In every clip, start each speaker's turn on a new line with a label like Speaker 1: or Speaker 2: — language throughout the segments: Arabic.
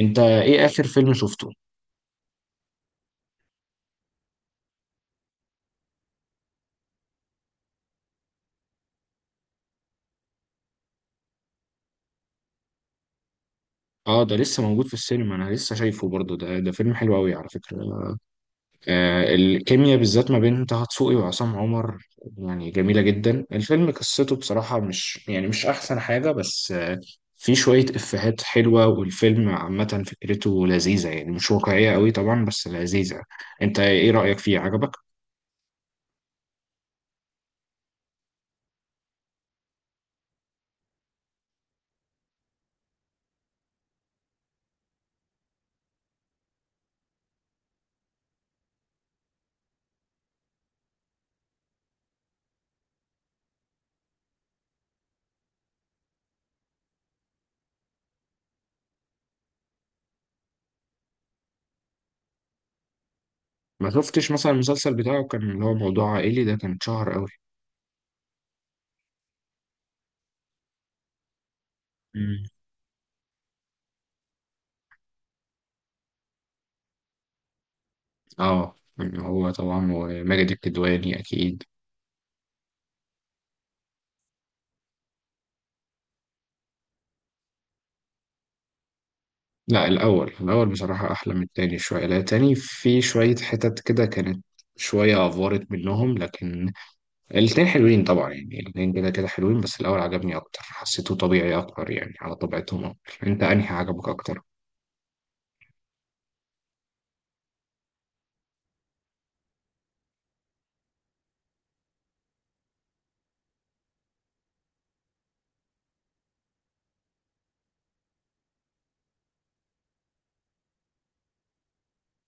Speaker 1: انت ايه اخر فيلم شفته؟ اه ده لسه موجود في السينما، انا لسه شايفه برضه. ده فيلم حلو قوي على فكرة. آه، الكيمياء بالذات ما بين طه دسوقي وعصام عمر يعني جميلة جدا. الفيلم قصته بصراحة مش يعني مش احسن حاجة، بس في شوية افيهات حلوة، والفيلم عامة فكرته لذيذة، يعني مش واقعية قوي طبعا بس لذيذة. انت ايه رأيك فيه، عجبك؟ ما شفتش مثلا المسلسل بتاعه كان اللي هو موضوع عائلي، ده كان شهر قوي. مم. اه، هو طبعا وماجد الكدواني اكيد. لا الأول، الأول بصراحة أحلى من التاني شوية، لا التاني في شوية حتت كده كانت شوية أفورت منهم، لكن الاتنين حلوين طبعا، يعني الاتنين كده كده حلوين، بس الأول عجبني أكتر، حسيته طبيعي أكتر يعني على طبيعتهم أكتر. أنت أنهي عجبك أكتر؟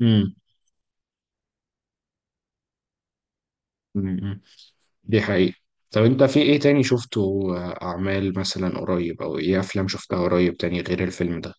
Speaker 1: امم، امم، دي حقيقة. طب أنت في إيه تاني شفته، أعمال مثلا قريب، أو إيه أفلام شفتها قريب تاني غير الفيلم ده؟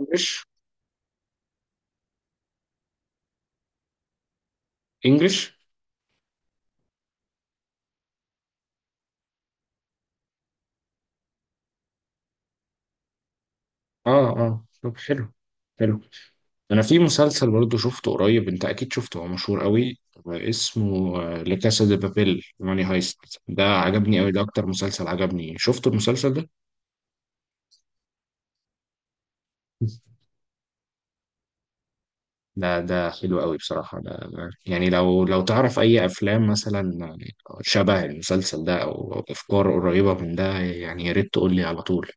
Speaker 1: إنجلش؟ إنجلش؟ آه آه، طب حلو، حلو. انا في مسلسل برضه شفته قريب، انت اكيد شفته هو مشهور قوي، اسمه لا كاسا دي بابيل، ماني هايست. ده عجبني قوي، ده اكتر مسلسل عجبني. شفت المسلسل ده؟ ده حلو قوي بصراحة. يعني لو تعرف اي افلام مثلا شبه المسلسل ده او افكار قريبة من ده، يعني يا ريت تقول لي على طول.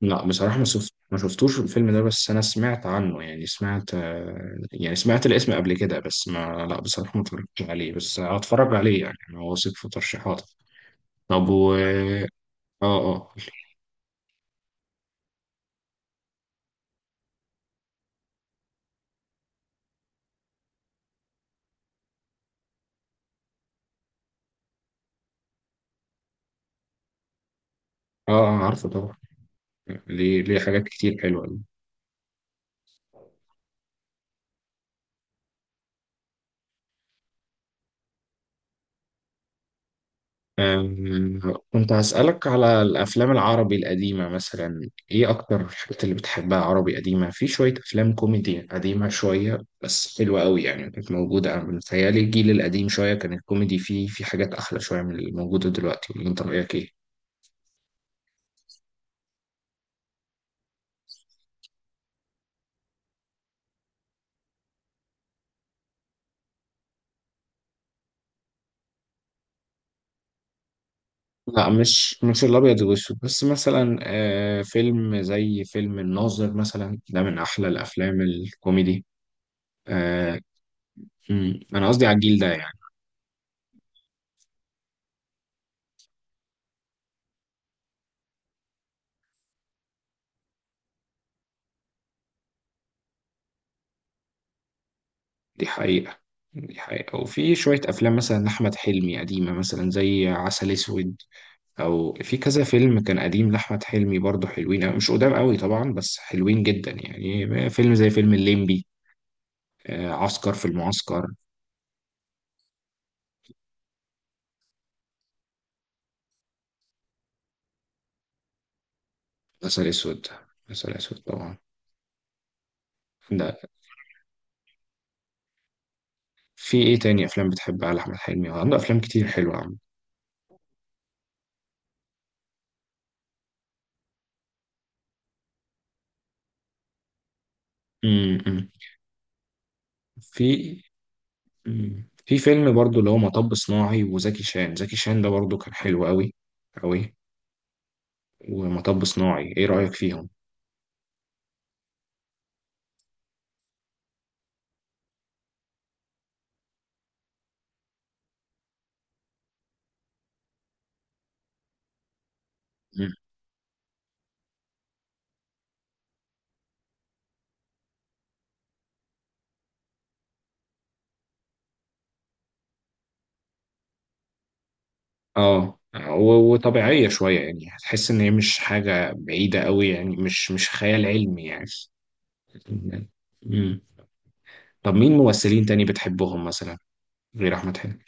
Speaker 1: لا بصراحة ما شفت، ما شفتوش الفيلم ده، بس أنا سمعت عنه، يعني سمعت، يعني سمعت الاسم قبل كده، بس ما، لا بصراحة ما اتفرجتش عليه، بس هتفرج عليه يعني، أنا واثق في ترشيحاتك. طب و آه آه عارفه طبعا. ليه، ليه حاجات كتير حلوة. أم، كنت هسألك على الأفلام العربي القديمة، مثلا إيه أكتر الحاجات اللي بتحبها عربي قديمة؟ في شوية أفلام كوميدي قديمة شوية بس حلوة قوي يعني، كانت موجودة. أنا متهيألي الجيل القديم شوية كان الكوميدي فيه في حاجات أحلى شوية من اللي موجودة دلوقتي، ولا أنت رأيك إيه؟ لا مش الأبيض والأسود، بس مثلا آه، فيلم زي فيلم الناظر مثلا، ده من أحلى الأفلام الكوميدي. آه، أمم، أنا قصدي على الجيل ده يعني. دي حقيقة، دي حقيقة. وفي شوية أفلام مثلا لأحمد حلمي قديمة مثلا زي عسل أسود، أو في كذا فيلم كان قديم لأحمد حلمي برضه حلوين أوي. مش قدام قوي طبعا، بس حلوين جدا. يعني فيلم زي فيلم الليمبي، عسكر في المعسكر. عسل أسود، عسل أسود طبعا. ده في إيه تاني أفلام بتحبها لأحمد حلمي؟ هو عنده أفلام كتير حلوة. عم. امم. في، مم، في فيلم برضه اللي هو مطب صناعي، وزكي شان. زكي شان ده برضه كان حلو أوي، أوي. ومطب صناعي ايه رأيك فيهم؟ مم. اه، وطبيعية شوية، يعني هتحس ان هي مش حاجة بعيدة قوي، يعني مش خيال علمي يعني. مم. طب مين ممثلين تاني بتحبهم مثلا، غير احمد حلمي؟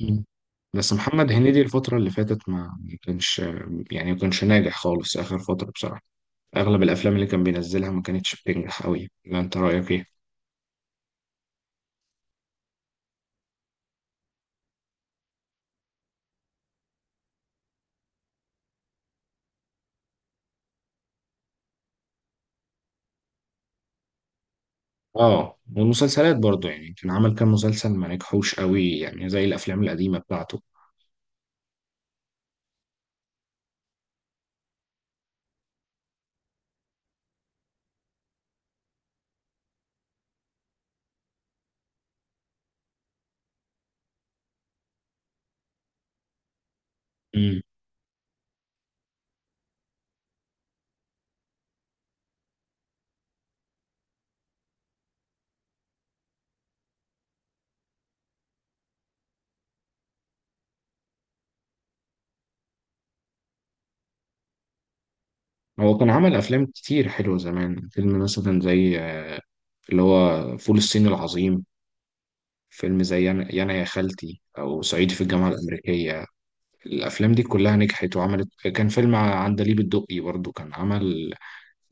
Speaker 1: مم. بس محمد هنيدي الفترة اللي فاتت ما كانش، يعني ما كانش ناجح خالص آخر فترة بصراحة. أغلب الأفلام اللي كان بينزلها ما كانتش بتنجح أوي، لا أنت رأيك إيه؟ آه، والمسلسلات برضو يعني، كان عمل كام مسلسل ما نجحوش أوي يعني زي الأفلام القديمة بتاعته. هو كان عمل أفلام كتير حلوة زمان، فيلم مثلا زي اللي هو فول الصين العظيم، فيلم زي أنا يانا يا خالتي، أو صعيدي في الجامعة الأمريكية. الأفلام دي كلها نجحت وعملت، كان فيلم عندليب الدقي برضو كان عمل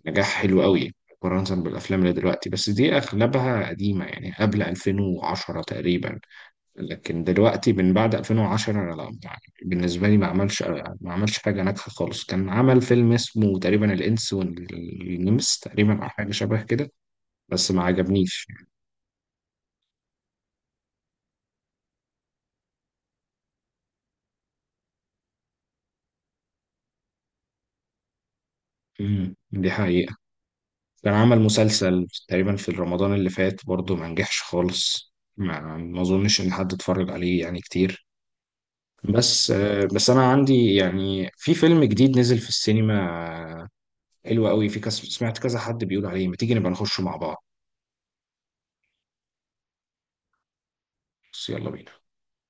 Speaker 1: نجاح حلو قوي مقارنة بالأفلام اللي دلوقتي، بس دي أغلبها قديمة يعني قبل 2010 تقريبا. لكن دلوقتي من بعد 2010 انا لا، يعني بالنسبه لي ما عملش، ما عملش حاجه ناجحه خالص. كان عمل فيلم اسمه تقريبا الانس والنمس تقريبا، او حاجه شبه كده، بس ما عجبنيش. امم، دي حقيقه. كان عمل مسلسل تقريبا في رمضان اللي فات برضه ما نجحش خالص، ما اظنش ان حد اتفرج عليه يعني كتير. بس آه، بس انا عندي، يعني في فيلم جديد نزل في السينما، آه، حلو قوي، في كذا، سمعت كذا حد بيقول عليه، ما تيجي نبقى نخشه مع بعض؟ بس يلا بينا.